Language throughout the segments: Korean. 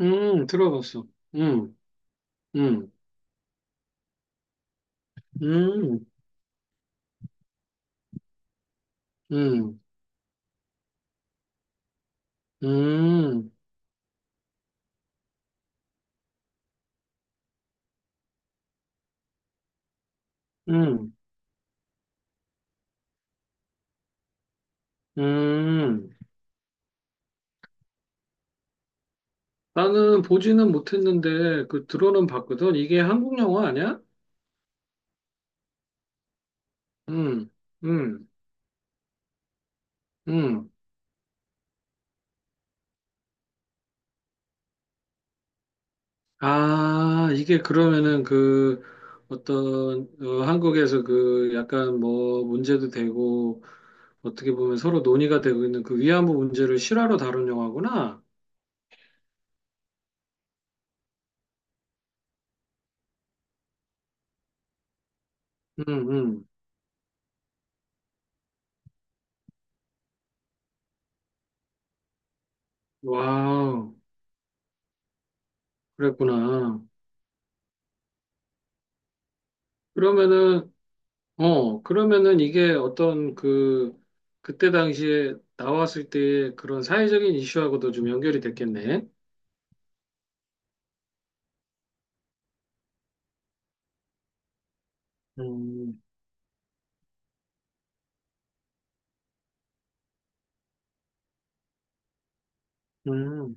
들어봤어. 음. 음. 음. 음. 음. 음. 음. 나는 보지는 못했는데 그 들어는 봤거든. 이게 한국 영화 아니야? 음. 음. 음. 아, 이게 그러면은 그 어떤 한국에서 그 약간 뭐 문제도 되고 어떻게 보면 서로 논의가 되고 있는 그 위안부 문제를 실화로 다룬 영화구나. 음. 음. 와우, 그랬구나. 그러면은 그러면은 이게 어떤 그때 당시에 나왔을 때의 그런 사회적인 이슈하고도 좀 연결이 됐겠네. 음. 음.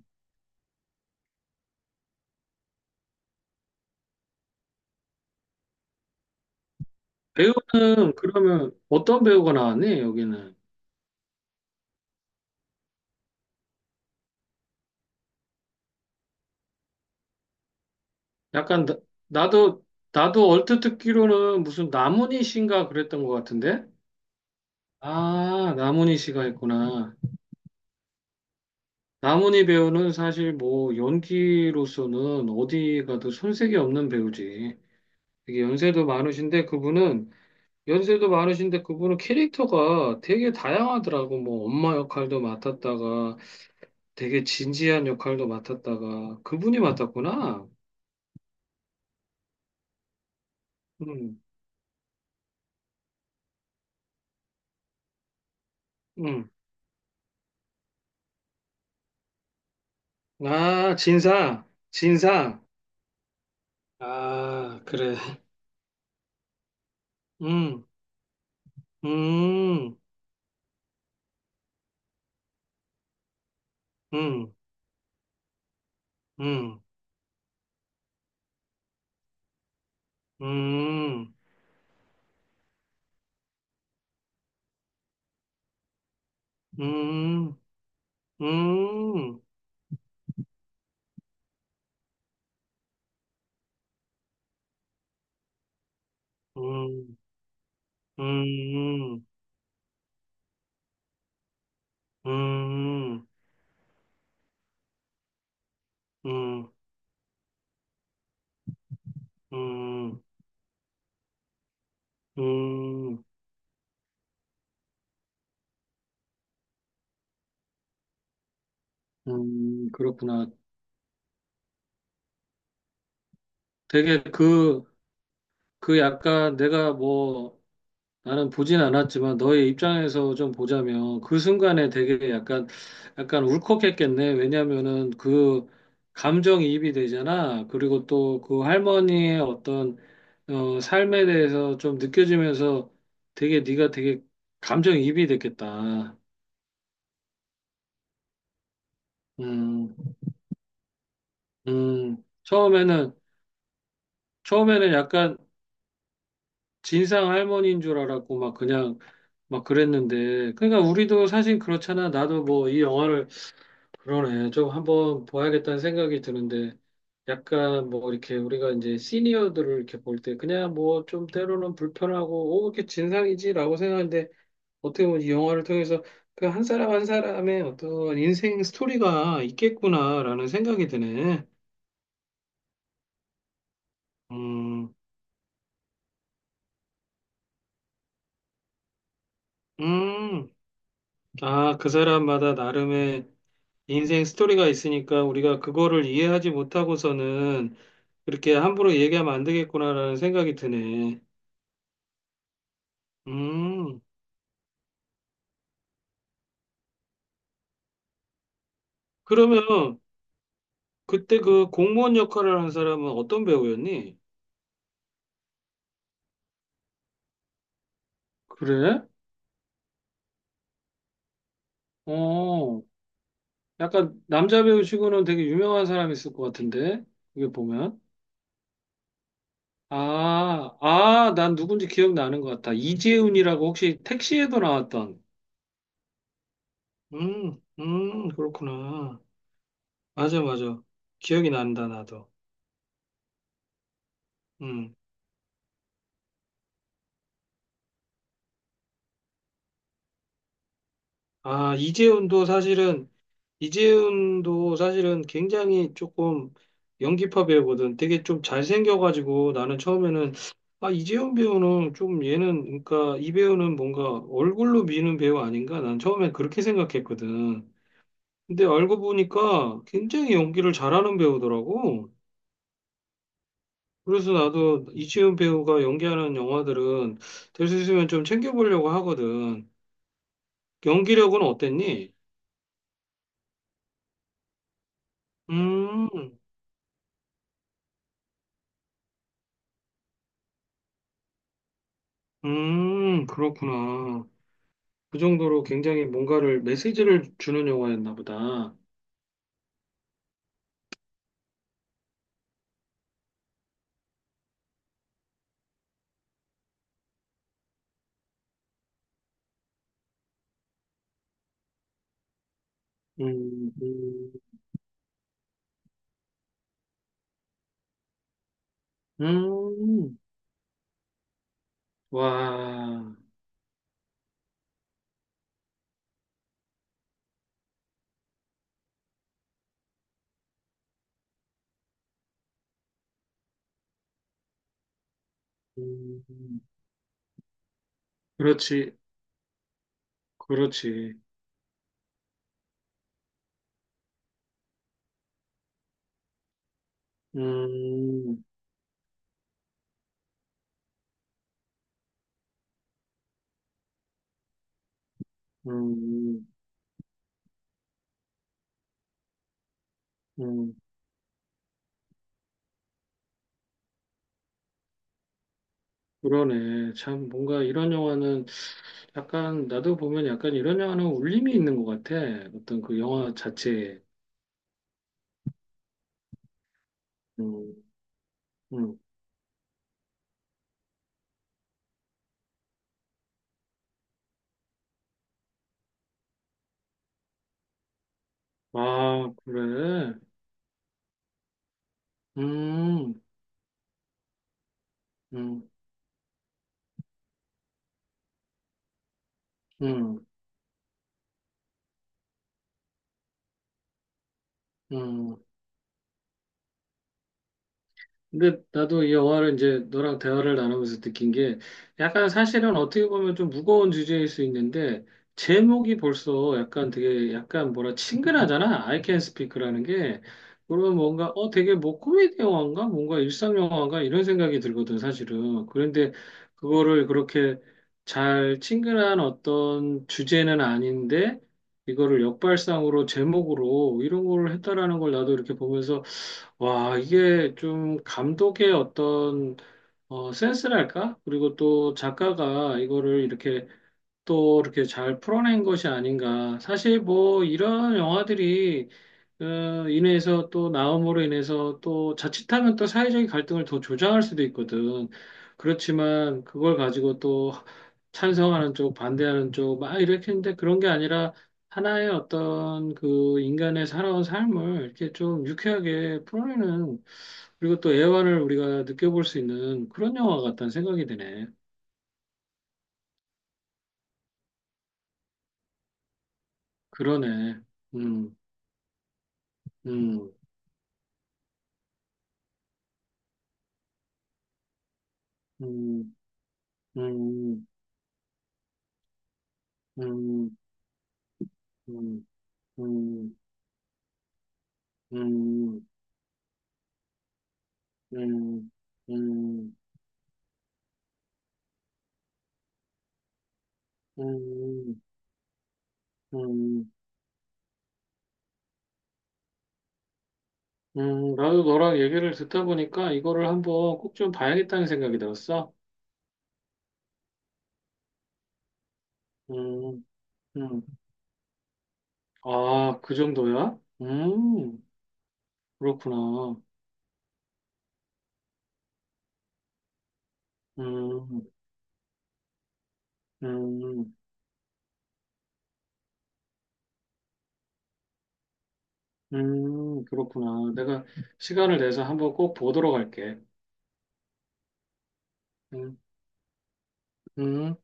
배우는 그러면 어떤 배우가 나왔니, 여기는? 약간, 나도, 나도 얼핏 듣기로는 무슨 나문희 씨인가 그랬던 것 같은데? 아, 나문희 씨가 있구나. 나문희 배우는 사실 뭐 연기로서는 어디 가도 손색이 없는 배우지. 되게 연세도 많으신데 그분은 캐릭터가 되게 다양하더라고. 뭐 엄마 역할도 맡았다가 되게 진지한 역할도 맡았다가 그분이 맡았구나. 음. 음. 아, 진상, 진상. 아, 그래. 음. 음. 음. 음. 음. 음. 음. 음. 음. 음. 음. 음. 음. 그렇구나. 되게 그 약간 내가 뭐 나는 보진 않았지만 너의 입장에서 좀 보자면 그 순간에 되게 약간 울컥했겠네. 왜냐면은 그 감정이입이 되잖아. 그리고 또 그 할머니의 어떤 삶에 대해서 좀 느껴지면서 되게 네가 되게 감정이입이 됐겠다. 음, 음, 처음에는 처음에는 약간 진상 할머니인 줄 알았고 막 그냥 막 그랬는데, 그러니까 우리도 사실 그렇잖아. 나도 뭐 이 영화를 그러네 좀 한번 봐야겠다는 생각이 드는데, 약간 뭐 이렇게 우리가 이제 시니어들을 이렇게 볼 때 그냥 뭐 좀 때로는 불편하고 오 이렇게 진상이지라고 생각하는데, 어떻게 보면 이 영화를 통해서 그 한 사람 한 사람의 어떤 인생 스토리가 있겠구나라는 생각이 드네. 음 음 아, 그 사람마다 나름의 인생 스토리가 있으니까 우리가 그거를 이해하지 못하고서는 그렇게 함부로 얘기하면 안 되겠구나라는 생각이 드네. 음, 그러면 그때 그 공무원 역할을 한 사람은 어떤 배우였니? 그래? 어, 약간 남자 배우치고는 되게 유명한 사람이 있을 것 같은데, 이게 보면. 아, 아, 난 누군지 기억나는 것 같아. 이재훈이라고 혹시 택시에도 나왔던. 그렇구나. 맞아, 맞아. 기억이 난다, 나도. 음. 아, 이재훈도 사실은 굉장히 조금 연기파 배우거든. 되게 좀 잘생겨가지고 나는 처음에는, 아, 이재훈 배우는 좀 얘는, 그러니까 이 배우는 뭔가 얼굴로 미는 배우 아닌가? 난 처음엔 그렇게 생각했거든. 근데 알고 보니까 굉장히 연기를 잘하는 배우더라고. 그래서 나도 이재훈 배우가 연기하는 영화들은 될 수 있으면 좀 챙겨보려고 하거든. 연기력은 어땠니? 음. 그렇구나. 그 정도로 굉장히 뭔가를 메시지를 주는 영화였나 보다. 음. 음. 음. 와, 음, 그렇지, 그렇지. 음, 음, 음, 그러네. 참, 뭔가 이런 영화는 약간, 나도 보면 약간 이런 영화는 울림이 있는 것 같아. 어떤 그 영화 자체에. 음. 음. 아, 그래. 음. 음. 음. 음. 근데 나도 이 영화를 이제 너랑 대화를 나누면서 느낀 게 약간 사실은 어떻게 보면 좀 무거운 주제일 수 있는데 제목이 벌써 약간 되게 약간 뭐라 친근하잖아. I Can Speak라는 게 그러면 뭔가 되게 뭐 코미디 영화인가 뭔가 일상 영화인가 이런 생각이 들거든 사실은. 그런데 그거를 그렇게 잘 친근한 어떤 주제는 아닌데 이거를 역발상으로 제목으로 이런 걸 했다라는 걸 나도 이렇게 보면서 와, 이게 좀 감독의 어떤 센스랄까? 그리고 또 작가가 이거를 이렇게 또 이렇게 잘 풀어낸 것이 아닌가. 사실 뭐 이런 영화들이 인해서 또 나옴으로 인해서 또 자칫하면 또 사회적인 갈등을 더 조장할 수도 있거든. 그렇지만 그걸 가지고 또 찬성하는 쪽, 반대하는 쪽, 막 이렇게 했는데 그런 게 아니라 하나의 어떤 그 인간의 살아온 삶을 이렇게 좀 유쾌하게 풀어내는 그리고 또 애환을 우리가 느껴볼 수 있는 그런 영화 같다는 생각이 드네. 그러네. 음. 음. 음. 음. 음. 음. 음. 음. 음. 음. 음. 음, 나도 너랑 얘기를 듣다 보니까 이거를 한번 꼭 좀 봐야겠다는 생각이 들었어. 음, 음, 아, 그 정도야? 그렇구나. 음, 음, 그렇구나. 내가 시간을 내서 한번 꼭 보도록 할게. 음, 음,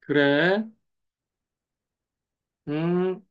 그래. 음.